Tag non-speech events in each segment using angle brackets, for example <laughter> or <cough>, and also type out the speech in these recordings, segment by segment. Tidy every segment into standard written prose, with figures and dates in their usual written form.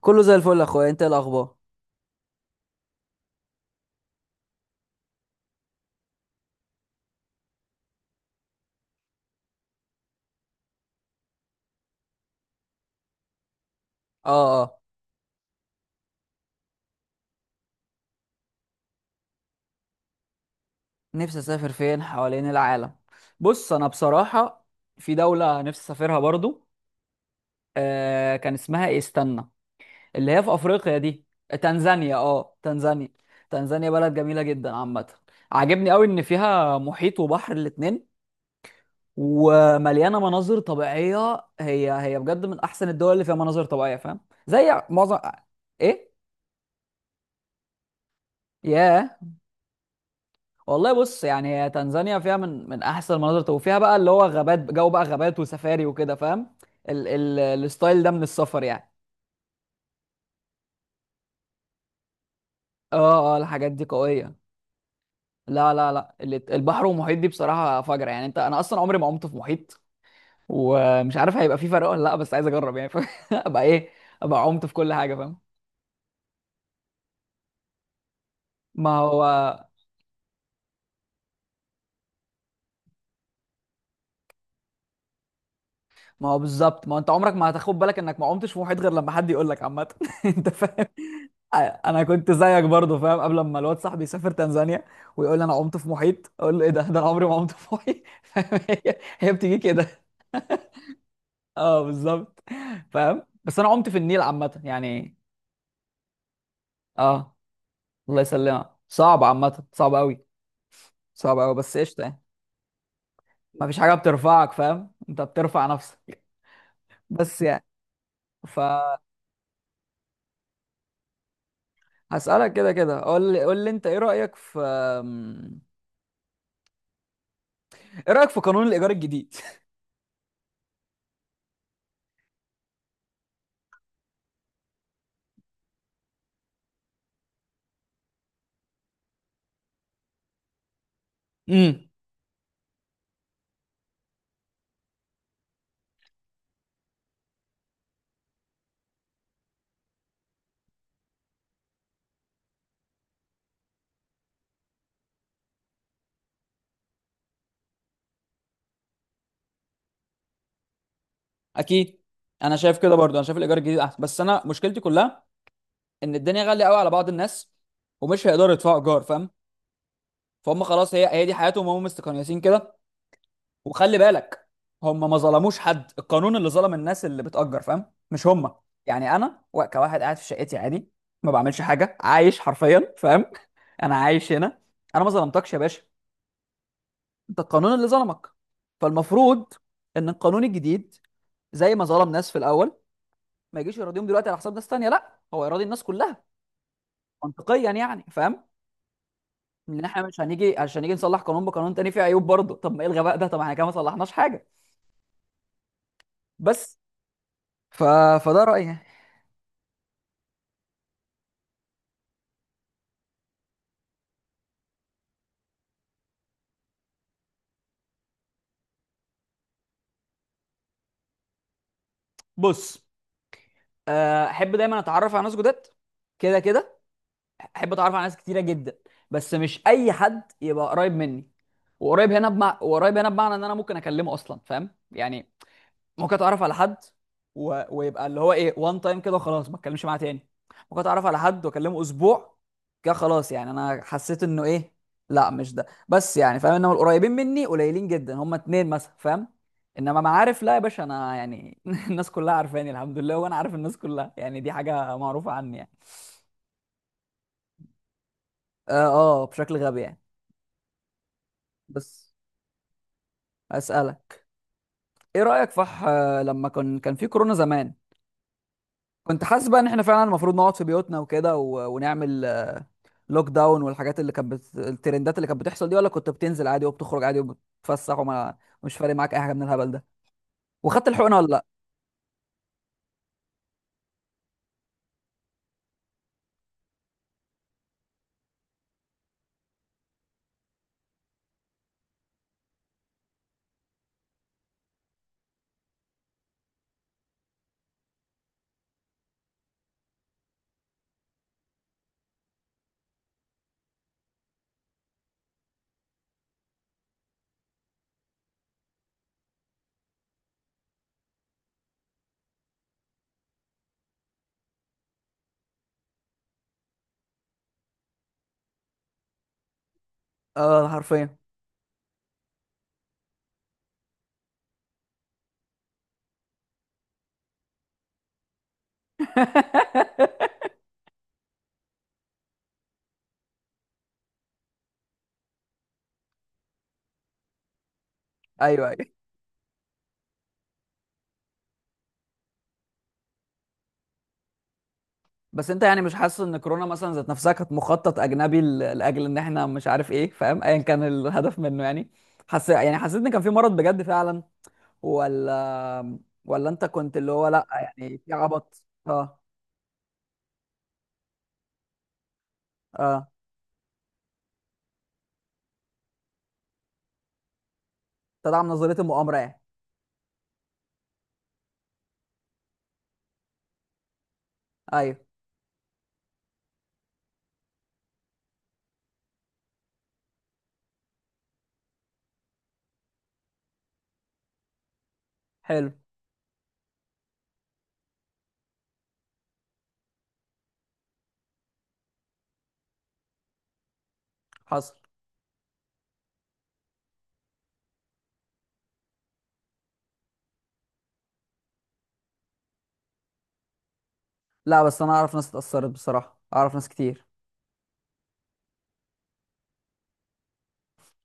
كله زي الفل يا اخويا، انت إيه الاخبار؟ اه. نفسي اسافر فين حوالين العالم؟ بص، انا بصراحه في دوله نفسي اسافرها برضو. آه، كان اسمها إيه؟ استنى. اللي هي في افريقيا دي. تنزانيا، اه تنزانيا. تنزانيا بلد جميله جدا عامه. عاجبني قوي ان فيها محيط وبحر الاتنين، ومليانه مناظر طبيعيه. هي بجد من احسن الدول اللي فيها مناظر طبيعيه، فاهم؟ زي معظم. ايه؟ ياه. والله بص، يعني هي تنزانيا فيها من احسن المناظر، وفيها بقى اللي هو غابات، جو بقى غابات وسفاري وكده، فاهم؟ ال الستايل ده من السفر يعني. اه، الحاجات دي قوية. لا لا لا، البحر والمحيط دي بصراحة فجرة يعني. انت، انا اصلا عمري ما عمت في محيط، ومش عارف هيبقى في فرق ولا لا، بس عايز اجرب يعني <laughs> فاهم؟ ابقى ايه، ابقى عمت في كل حاجة، فاهم؟ ما هو، ما هو بالظبط. ما هو انت عمرك ما هتاخد بالك انك ما عمتش في محيط غير لما حد يقول لك، عامة <laughs> انت فاهم. آه، انا كنت زيك برضه فاهم، قبل ما الواد صاحبي يسافر تنزانيا ويقول لي انا عمت في محيط، اقول له ايه ده؟ <laughs> ده انا عمري ما عمت في محيط <laughs> فاهم؟ هي بتيجي كده <laughs> اه بالظبط. فاهم؟ بس انا عمت في النيل عامه يعني. اه. الله يسلمك، صعب عامه، صعب قوي. صعب قوي، بس قشطه يعني. ما فيش حاجه بترفعك، فاهم؟ انت بترفع نفسك، بس يعني. فهسألك. كده كده، قول لي انت، ايه رأيك في... ايه رأيك في قانون الايجار الجديد؟ <laughs> امم. اكيد. انا شايف كده برضو، انا شايف الايجار الجديد احسن، بس انا مشكلتي كلها ان الدنيا غاليه قوي على بعض الناس، ومش هيقدروا يدفعوا ايجار، فاهم؟ فهم خلاص، هي دي حياتهم، هم مستقيسين كده. وخلي بالك، هم ما ظلموش حد. القانون اللي ظلم الناس اللي بتأجر، فاهم، مش هم. يعني انا، كواحد قاعد في شقتي عادي، ما بعملش حاجه، عايش حرفيا، فاهم؟ <laughs> انا عايش هنا، انا ما ظلمتكش يا باشا. انت القانون اللي ظلمك. فالمفروض ان القانون الجديد، زي ما ظلم ناس في الاول، ما يجيش يراضيهم دلوقتي على حساب ناس تانية. لا، هو يراضي الناس كلها منطقيا يعني، فاهم؟ ان احنا مش هنيجي عشان نيجي نصلح قانون بقانون تاني فيه عيوب برضه. طب ما الغى بقى ده، طب احنا كده ما صلحناش حاجه. بس ف... فده رايي يعني. بص، آه، احب دايما اتعرف على ناس جداد. كده كده، احب اتعرف على ناس كتيره جدا، بس مش اي حد يبقى قريب مني. وقريب هنا بمعنى ان انا ممكن اكلمه اصلا، فاهم يعني؟ ممكن اتعرف على حد و... ويبقى اللي هو ايه، وان تايم كده وخلاص ما اتكلمش معاه تاني. ممكن اتعرف على حد واكلمه اسبوع كده خلاص، يعني انا حسيت انه ايه. لا، مش ده بس يعني فاهم، انما القريبين مني قليلين جدا، هما اتنين مثلا فاهم. انما معارف، لا يا باشا، انا يعني <laughs> الناس كلها عارفاني الحمد لله، وانا عارف الناس كلها، يعني دي حاجة معروفة عني يعني. اه، آه، بشكل غبي يعني. بس اسالك، ايه رايك فح... آه، لما كان في كورونا زمان، كنت حاسس بقى ان احنا فعلا المفروض نقعد في بيوتنا وكده و- ونعمل لوك داون، والحاجات اللي كانت بت... الترندات اللي كانت بتحصل دي؟ ولا كنت بتنزل عادي وبتخرج عادي وبتتفسح، وما مش فارق معاك اي حاجه من الهبل ده؟ وخدت الحقنه ولا لا؟ اه حرفيا <laughs> ايوه ايوه. بس انت يعني مش حاسس ان كورونا مثلا ذات نفسها كانت مخطط اجنبي لاجل ان احنا مش عارف ايه، فاهم، ايا كان الهدف منه يعني؟ حس، يعني حسيت ان كان في مرض بجد فعلا، ولا... ولا انت كنت اللي هو لا، يعني في عبط اه؟ اه، تدعم نظريه المؤامره يعني. ايوه. حلو. حصل. لا بس انا اعرف ناس اتأثرت بصراحة، اعرف ناس كتير.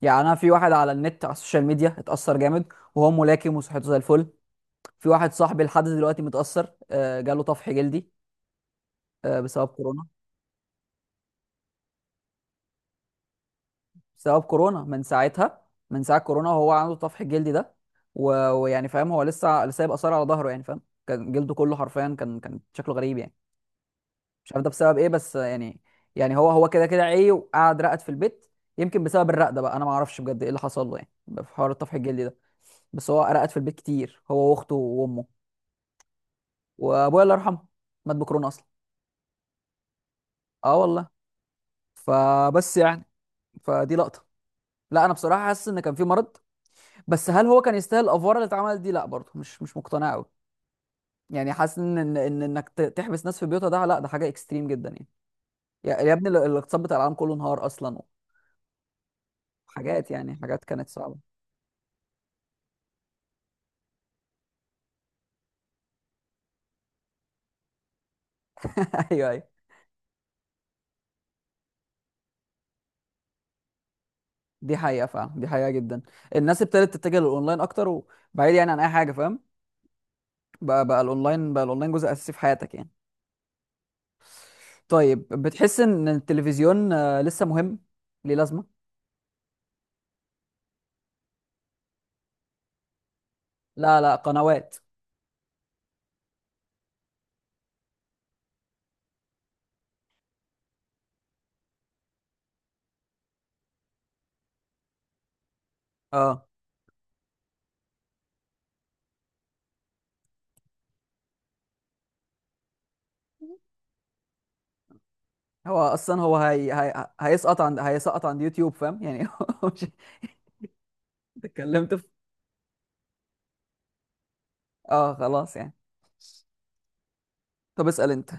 يعني انا في واحد على النت، على السوشيال ميديا، اتأثر جامد وهو ملاكم وصحته زي الفل. في واحد صاحبي لحد دلوقتي متأثر، آه، جاله طفح جلدي، آه، بسبب كورونا. بسبب كورونا، من ساعتها. من ساعة كورونا وهو عنده الطفح الجلدي ده، و- ويعني فاهم، هو لسه سايب آثار على ظهره يعني، فاهم؟ كان جلده كله حرفيا، كان شكله غريب يعني. مش عارف ده بسبب ايه، بس آه، يعني يعني هو، هو كده كده عيه وقعد رقد في البيت. يمكن بسبب الرقدة بقى، انا ما اعرفش بجد ايه اللي حصل له يعني، في حوار الطفح الجلدي ده. بس هو رقد في البيت كتير، هو واخته وامه. وابويا الله يرحمه مات بكورونا اصلا. اه والله. فبس يعني، فدي لقطه. لا انا بصراحه حاسس ان كان في مرض، بس هل هو كان يستاهل الافوار اللي اتعملت دي؟ لا برضه، مش مش مقتنع قوي. يعني حاسس ان ان إن انك تحبس ناس في بيوتها ده، لا ده حاجه اكستريم جدا يعني. يا يا ابني، الاقتصاد بتاع العالم كله انهار اصلا. حاجات يعني، حاجات كانت صعبه <laughs> ايوه ايوه. دي حقيقه فعلا، دي حقيقه جدا. الناس ابتدت تتجه للاونلاين اكتر، وبعيد يعني عن اي حاجه، فاهم؟ بقى بقى الاونلاين جزء اساسي في حياتك يعني. طيب بتحس ان التلفزيون، آه، لسه مهم؟ ليه لازمه؟ لا لا، قنوات. اه، هو اصلا هو هيسقط عند يوتيوب، فاهم يعني <laughs> مش. اتكلمت في. <laughs> اه خلاص يعني. طب اسأل انت.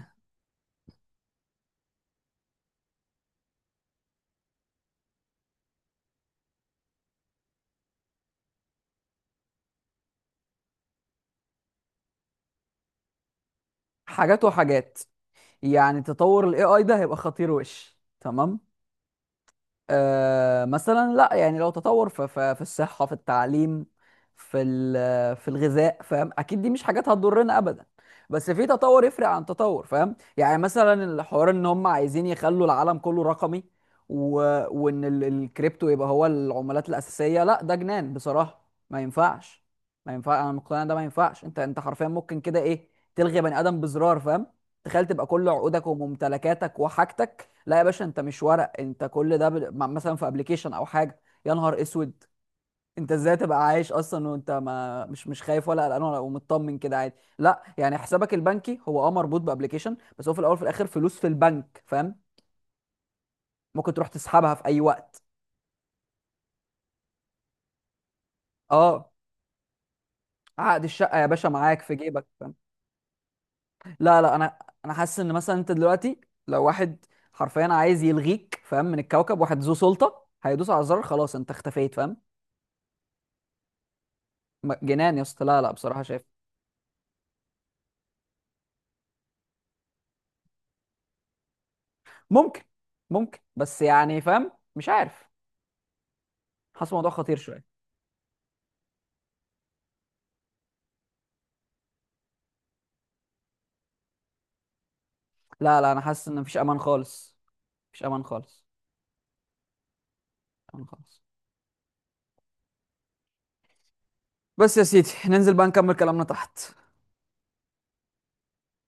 حاجات وحاجات. يعني تطور الاي اي ده هيبقى خطير وش تمام. آه، مثلا لا، يعني لو تطور في في الصحة، في التعليم، في في الغذاء، فاهم، اكيد دي مش حاجات هتضرنا ابدا. بس في تطور يفرق عن تطور فاهم، يعني مثلا الحوار ان هم عايزين يخلوا العالم كله رقمي، و... وان الكريبتو يبقى هو العملات الأساسية. لا ده جنان بصراحة، ما ينفعش. ما ينفع، انا مقتنع إن ده ما ينفعش. انت، انت حرفيا ممكن كده ايه، تلغي بني ادم بزرار فاهم. تخيل تبقى كل عقودك وممتلكاتك وحاجتك، لا يا باشا انت مش ورق، انت كل ده مثلا في ابلكيشن او حاجه. يا نهار اسود. انت ازاي تبقى عايش اصلا وانت ما مش مش خايف ولا قلقان ولا، ومطمن كده عادي؟ لا، يعني حسابك البنكي هو اه مربوط بابلكيشن، بس هو في الاول وفي الاخر فلوس في البنك، فاهم؟ ممكن تروح تسحبها في اي وقت. اه. عقد الشقه يا باشا معاك في جيبك، فاهم؟ لا لا، انا، انا حاسس ان مثلا انت دلوقتي لو واحد حرفيا عايز يلغيك، فاهم، من الكوكب، واحد ذو سلطه هيدوس على الزرار، خلاص انت اختفيت، فاهم؟ جنان يا اسطى. لا لا، بصراحه شايف. ممكن، ممكن، بس يعني فاهم، مش عارف. حاسس الموضوع خطير شويه. لا لا، انا حاسس ان مفيش امان خالص. مفيش امان خالص. امان خالص. بس يا سيدي ننزل بقى نكمل كلامنا تحت.